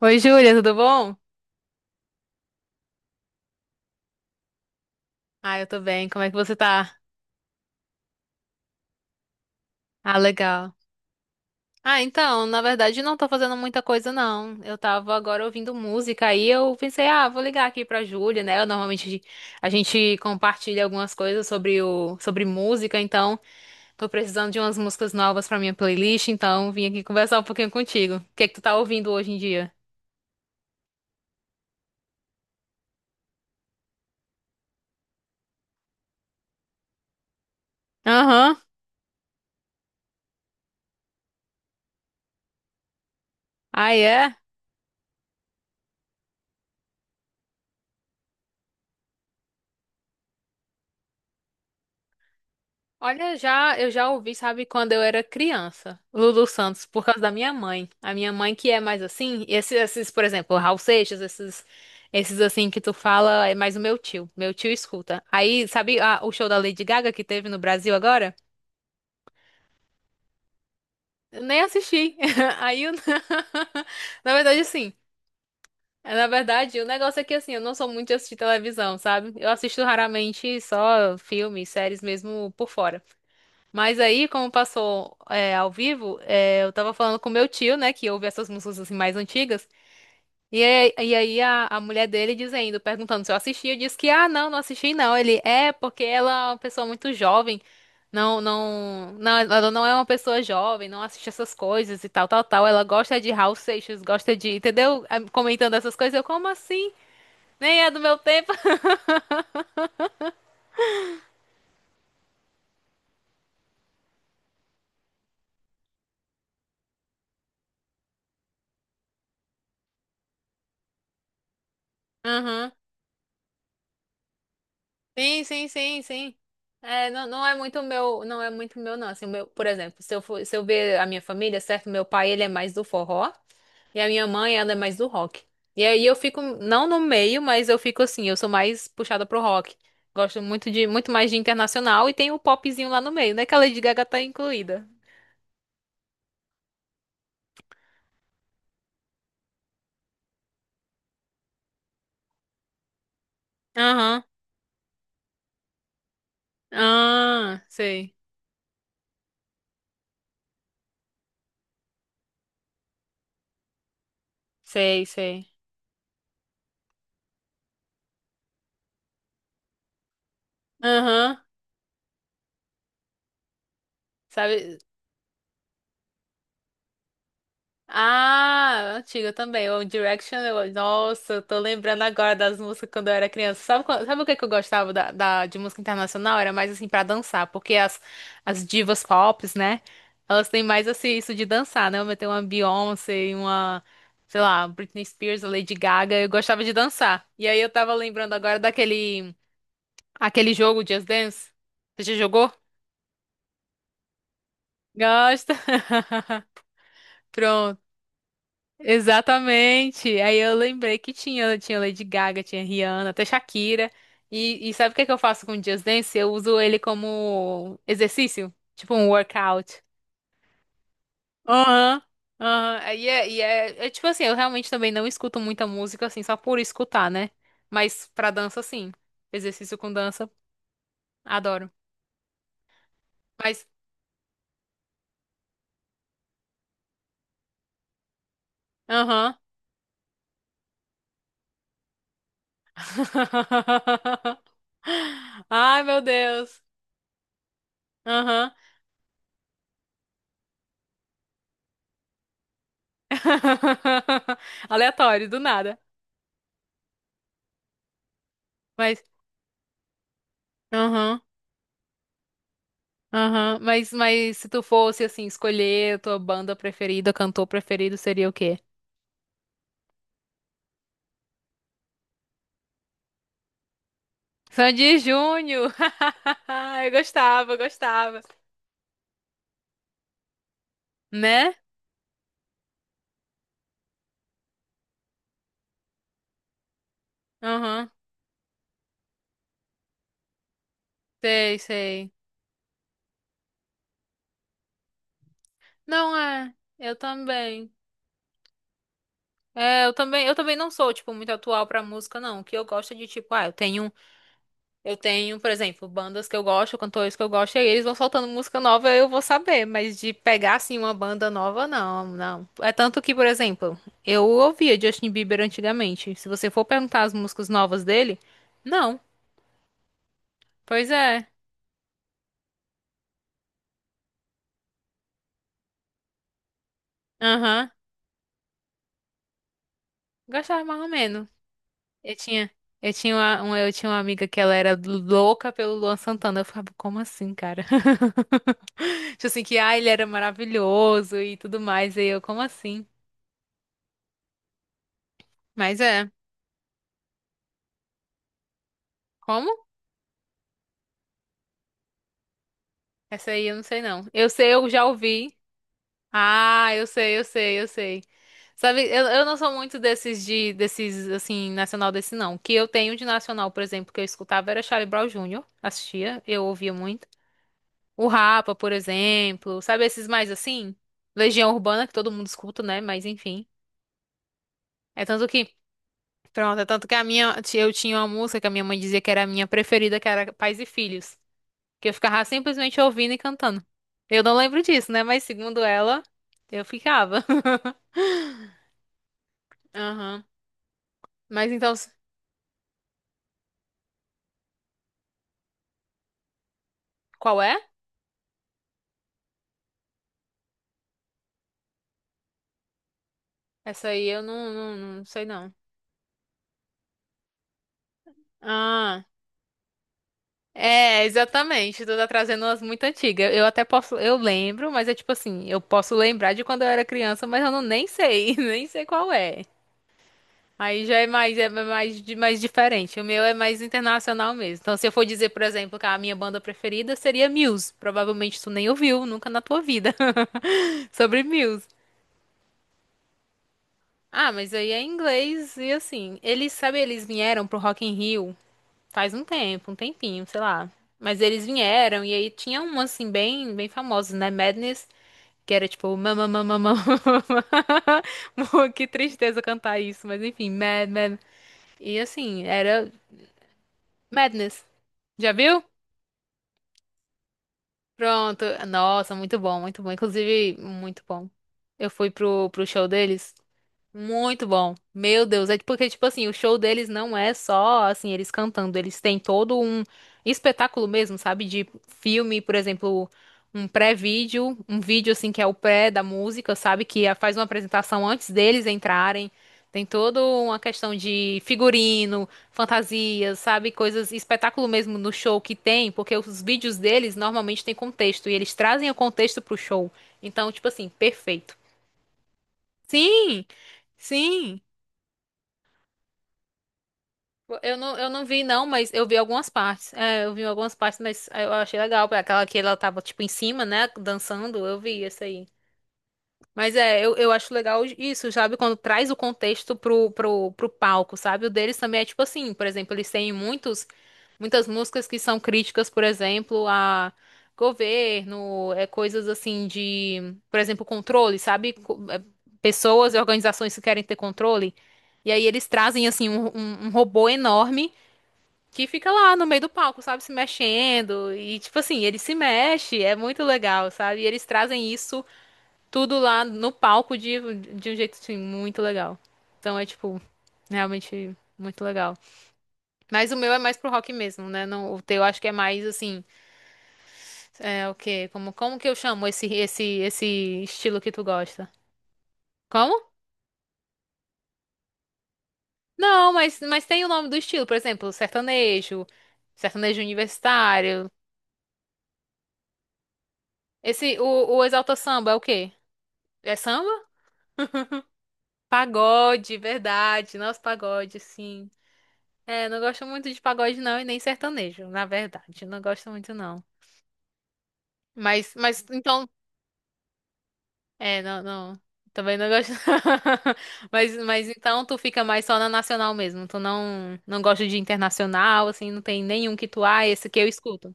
Oi, Júlia, tudo bom? Ah, eu tô bem. Como é que você tá? Ah, legal. Ah, então, na verdade, não tô fazendo muita coisa, não. Eu tava agora ouvindo música aí eu pensei, ah, vou ligar aqui pra Júlia, né? Normalmente a gente compartilha algumas coisas sobre música, então tô precisando de umas músicas novas pra minha playlist, então vim aqui conversar um pouquinho contigo. O que é que tu tá ouvindo hoje em dia? Aham. Ah, é? Olha, já eu já ouvi, sabe, quando eu era criança, Lulu Santos, por causa da minha mãe. A minha mãe que é mais assim, por exemplo, Raul Seixas, esses assim que tu fala, é mais o meu tio. Meu tio escuta. Aí, sabe, o show da Lady Gaga que teve no Brasil agora? Eu nem assisti. Aí, na verdade, assim, na verdade, o negócio é que assim, eu não sou muito de assistir televisão, sabe? Eu assisto raramente só filmes, séries mesmo por fora. Mas aí, como passou é, ao vivo, é, eu tava falando com meu tio, né, que ouve essas músicas assim, mais antigas, e aí a mulher dele dizendo, perguntando se eu assisti, eu disse que, ah, não, não assisti não. Porque ela é uma pessoa muito jovem, não, não, não, ela não é uma pessoa jovem, não assiste essas coisas e tal, tal, tal. Ela gosta de Raul Seixas, gosta de, entendeu? Ah, comentando essas coisas, como assim? Nem é do meu tempo. Sim, sim, sim, sim. É, não, não é muito meu, não é muito meu, não. Assim, o meu, por exemplo, se eu ver a minha família, certo? Meu pai, ele é mais do forró e a minha mãe, ela é mais do rock. E aí eu fico, não no meio, mas eu fico assim, eu sou mais puxada pro rock. Gosto muito mais de internacional e tem o popzinho lá no meio, né? Que a Lady Gaga tá incluída. Aham. Ah, sei. Sei, sei. Aham. Sabe? Ah, antiga também. O Direction, nossa, eu tô lembrando agora das músicas quando eu era criança. Sabe, sabe o que que eu gostava de música internacional? Era mais assim pra dançar, porque as divas pop, né? Elas têm mais assim isso de dançar, né? Eu tenho uma Beyoncé e uma, sei lá, Britney Spears, a Lady Gaga. Eu gostava de dançar. E aí eu tava lembrando agora daquele aquele jogo Just Dance. Você já jogou? Gosta? Pronto. Exatamente. Aí eu lembrei que tinha Lady Gaga, tinha Rihanna, até Shakira. E sabe o que é que eu faço com o Just Dance? Eu uso ele como exercício, tipo um workout. Aham. Aham. É tipo assim, eu realmente também não escuto muita música assim, só por escutar, né? Mas pra dança, sim. Exercício com dança, adoro. Mas, aham. Ai, meu Deus. Aham. Aleatório, do nada. Mas, aham, aham. Mas se tu fosse, assim, escolher a tua banda preferida, cantor preferido, seria o quê? Sandy Júnior! Eu gostava, eu gostava. Né? Aham. Sei, sei. Não é, eu também. É, eu também não sou, tipo, muito atual pra música, não. O que eu gosto é de, tipo, ah, eu tenho Eu tenho, por exemplo, bandas que eu gosto, cantores que eu gosto, e aí eles vão soltando música nova, eu vou saber, mas de pegar assim uma banda nova, não, não. É tanto que, por exemplo, eu ouvia Justin Bieber antigamente. Se você for perguntar as músicas novas dele, não. Pois é. Aham. Gostava mais ou menos. Eu tinha, eu tinha uma amiga que ela era louca pelo Luan Santana. Eu ficava, como assim, cara? Tipo assim, que ah, ele era maravilhoso e tudo mais. E eu, como assim? Mas é. Essa aí eu não sei não. Eu sei, eu já ouvi. Ah, eu sei, eu sei, eu sei. Sabe, eu não sou muito desses assim nacional desse não. O que eu tenho de nacional, por exemplo, que eu escutava era Charlie Brown Jr. Assistia, eu ouvia muito. O Rapa, por exemplo, sabe esses mais assim? Legião Urbana que todo mundo escuta, né? Mas enfim. É tanto que, pronto, é tanto que a minha eu tinha uma música que a minha mãe dizia que era a minha preferida, que era Pais e Filhos. Que eu ficava simplesmente ouvindo e cantando. Eu não lembro disso, né? Mas segundo ela, eu ficava. Aham. Mas então, qual é? Essa aí eu não sei não. Ah, é, exatamente. Tu tá trazendo umas muito antigas. Eu até posso, eu lembro, mas é tipo assim, eu posso lembrar de quando eu era criança, mas eu não nem sei, nem sei qual é. Aí já é mais, mais diferente. O meu é mais internacional mesmo. Então, se eu for dizer, por exemplo, que a minha banda preferida seria Muse. Provavelmente tu nem ouviu, nunca na tua vida. Sobre Muse. Ah, mas aí é em inglês e assim. Eles, sabe, eles vieram pro Rock in Rio faz um tempo, um tempinho, sei lá. Mas eles vieram e aí tinha um, assim, bem, bem famoso, né? Madness, que era tipo, mama, mama, mama. Que tristeza cantar isso, mas enfim, Mad, Mad. E assim, era Madness. Já viu? Pronto. Nossa, muito bom, muito bom. Inclusive, muito bom. Eu fui pro show deles. Muito bom. Meu Deus, é porque, tipo assim, o show deles não é só, assim, eles cantando, eles têm todo um espetáculo mesmo, sabe? De filme, por exemplo, um pré-vídeo, um vídeo, assim, que é o pré da música, sabe? Faz uma apresentação antes deles entrarem. Tem toda uma questão de figurino, fantasias, sabe? Coisas, espetáculo mesmo no show que tem, porque os vídeos deles normalmente têm contexto, e eles trazem o contexto pro show. Então, tipo assim, perfeito. Sim, sim. Eu não vi, não, mas eu vi algumas partes. É, eu vi algumas partes, mas eu achei legal. Pra aquela que ela tava, tipo, em cima, né? Dançando, eu vi essa aí. Mas é, eu acho legal isso, sabe? Quando traz o contexto pro palco, sabe? O deles também é tipo assim, por exemplo, eles têm muitos, muitas músicas que são críticas, por exemplo, a governo, é, coisas assim de, por exemplo, controle, sabe? Pessoas e organizações que querem ter controle. E aí eles trazem assim um robô enorme que fica lá no meio do palco, sabe, se mexendo. E, tipo assim, ele se mexe, é muito legal, sabe? E eles trazem isso tudo lá no palco de um jeito, assim, muito legal. Então é, tipo, realmente muito legal. Mas o meu é mais pro rock mesmo, né? Não, o teu acho que é mais, assim, é o quê? Como, como que eu chamo esse estilo que tu gosta? Como? Não, mas tem o nome do estilo, por exemplo, sertanejo, sertanejo universitário. Esse, o Exalta Samba é o quê? É samba? Pagode, verdade. Nossa, pagode, sim. É, não gosto muito de pagode, não, e nem sertanejo, na verdade. Não gosto muito, não. Então. É, não, não. Também não gosto. Mas então tu fica mais só na nacional mesmo. Tu não, não gosta de internacional, assim, não tem nenhum que tu, ah, esse que eu escuto.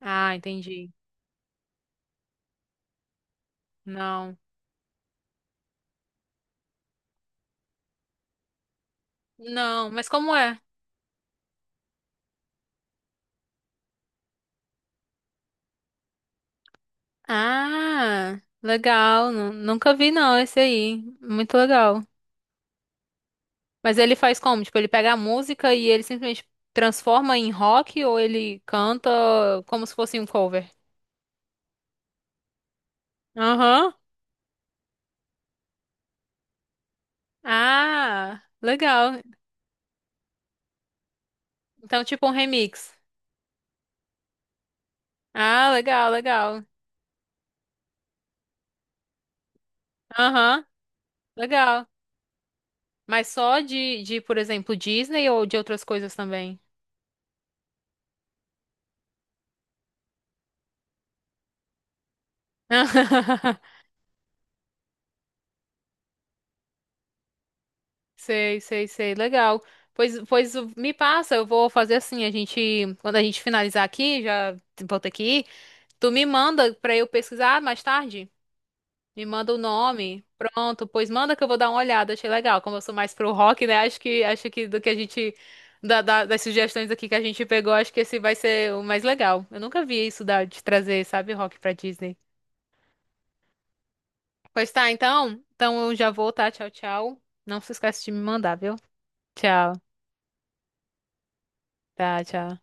Ah, entendi. Não. Não, mas como é? Ah, legal. Nunca vi, não, esse aí. Muito legal. Mas ele faz como? Tipo, ele pega a música e ele simplesmente transforma em rock ou ele canta como se fosse um cover? Aham. Ah, legal. Então, tipo um remix. Ah, legal, legal. Aham, legal. Mas só por exemplo, Disney ou de outras coisas também? Sei, sei, sei. Legal. Pois me passa, eu vou fazer assim, quando a gente finalizar aqui, já volto aqui, tu me manda pra eu pesquisar mais tarde? Me manda o nome. Pronto, pois manda que eu vou dar uma olhada. Achei legal. Como eu sou mais pro rock, né? Acho que do que a gente das sugestões aqui que a gente pegou, acho que esse vai ser o mais legal. Eu nunca vi isso de trazer, sabe, rock pra Disney. Pois tá, então, eu já vou, tá? Tchau, tchau. Não se esquece de me mandar, viu? Tchau. Tá, tchau.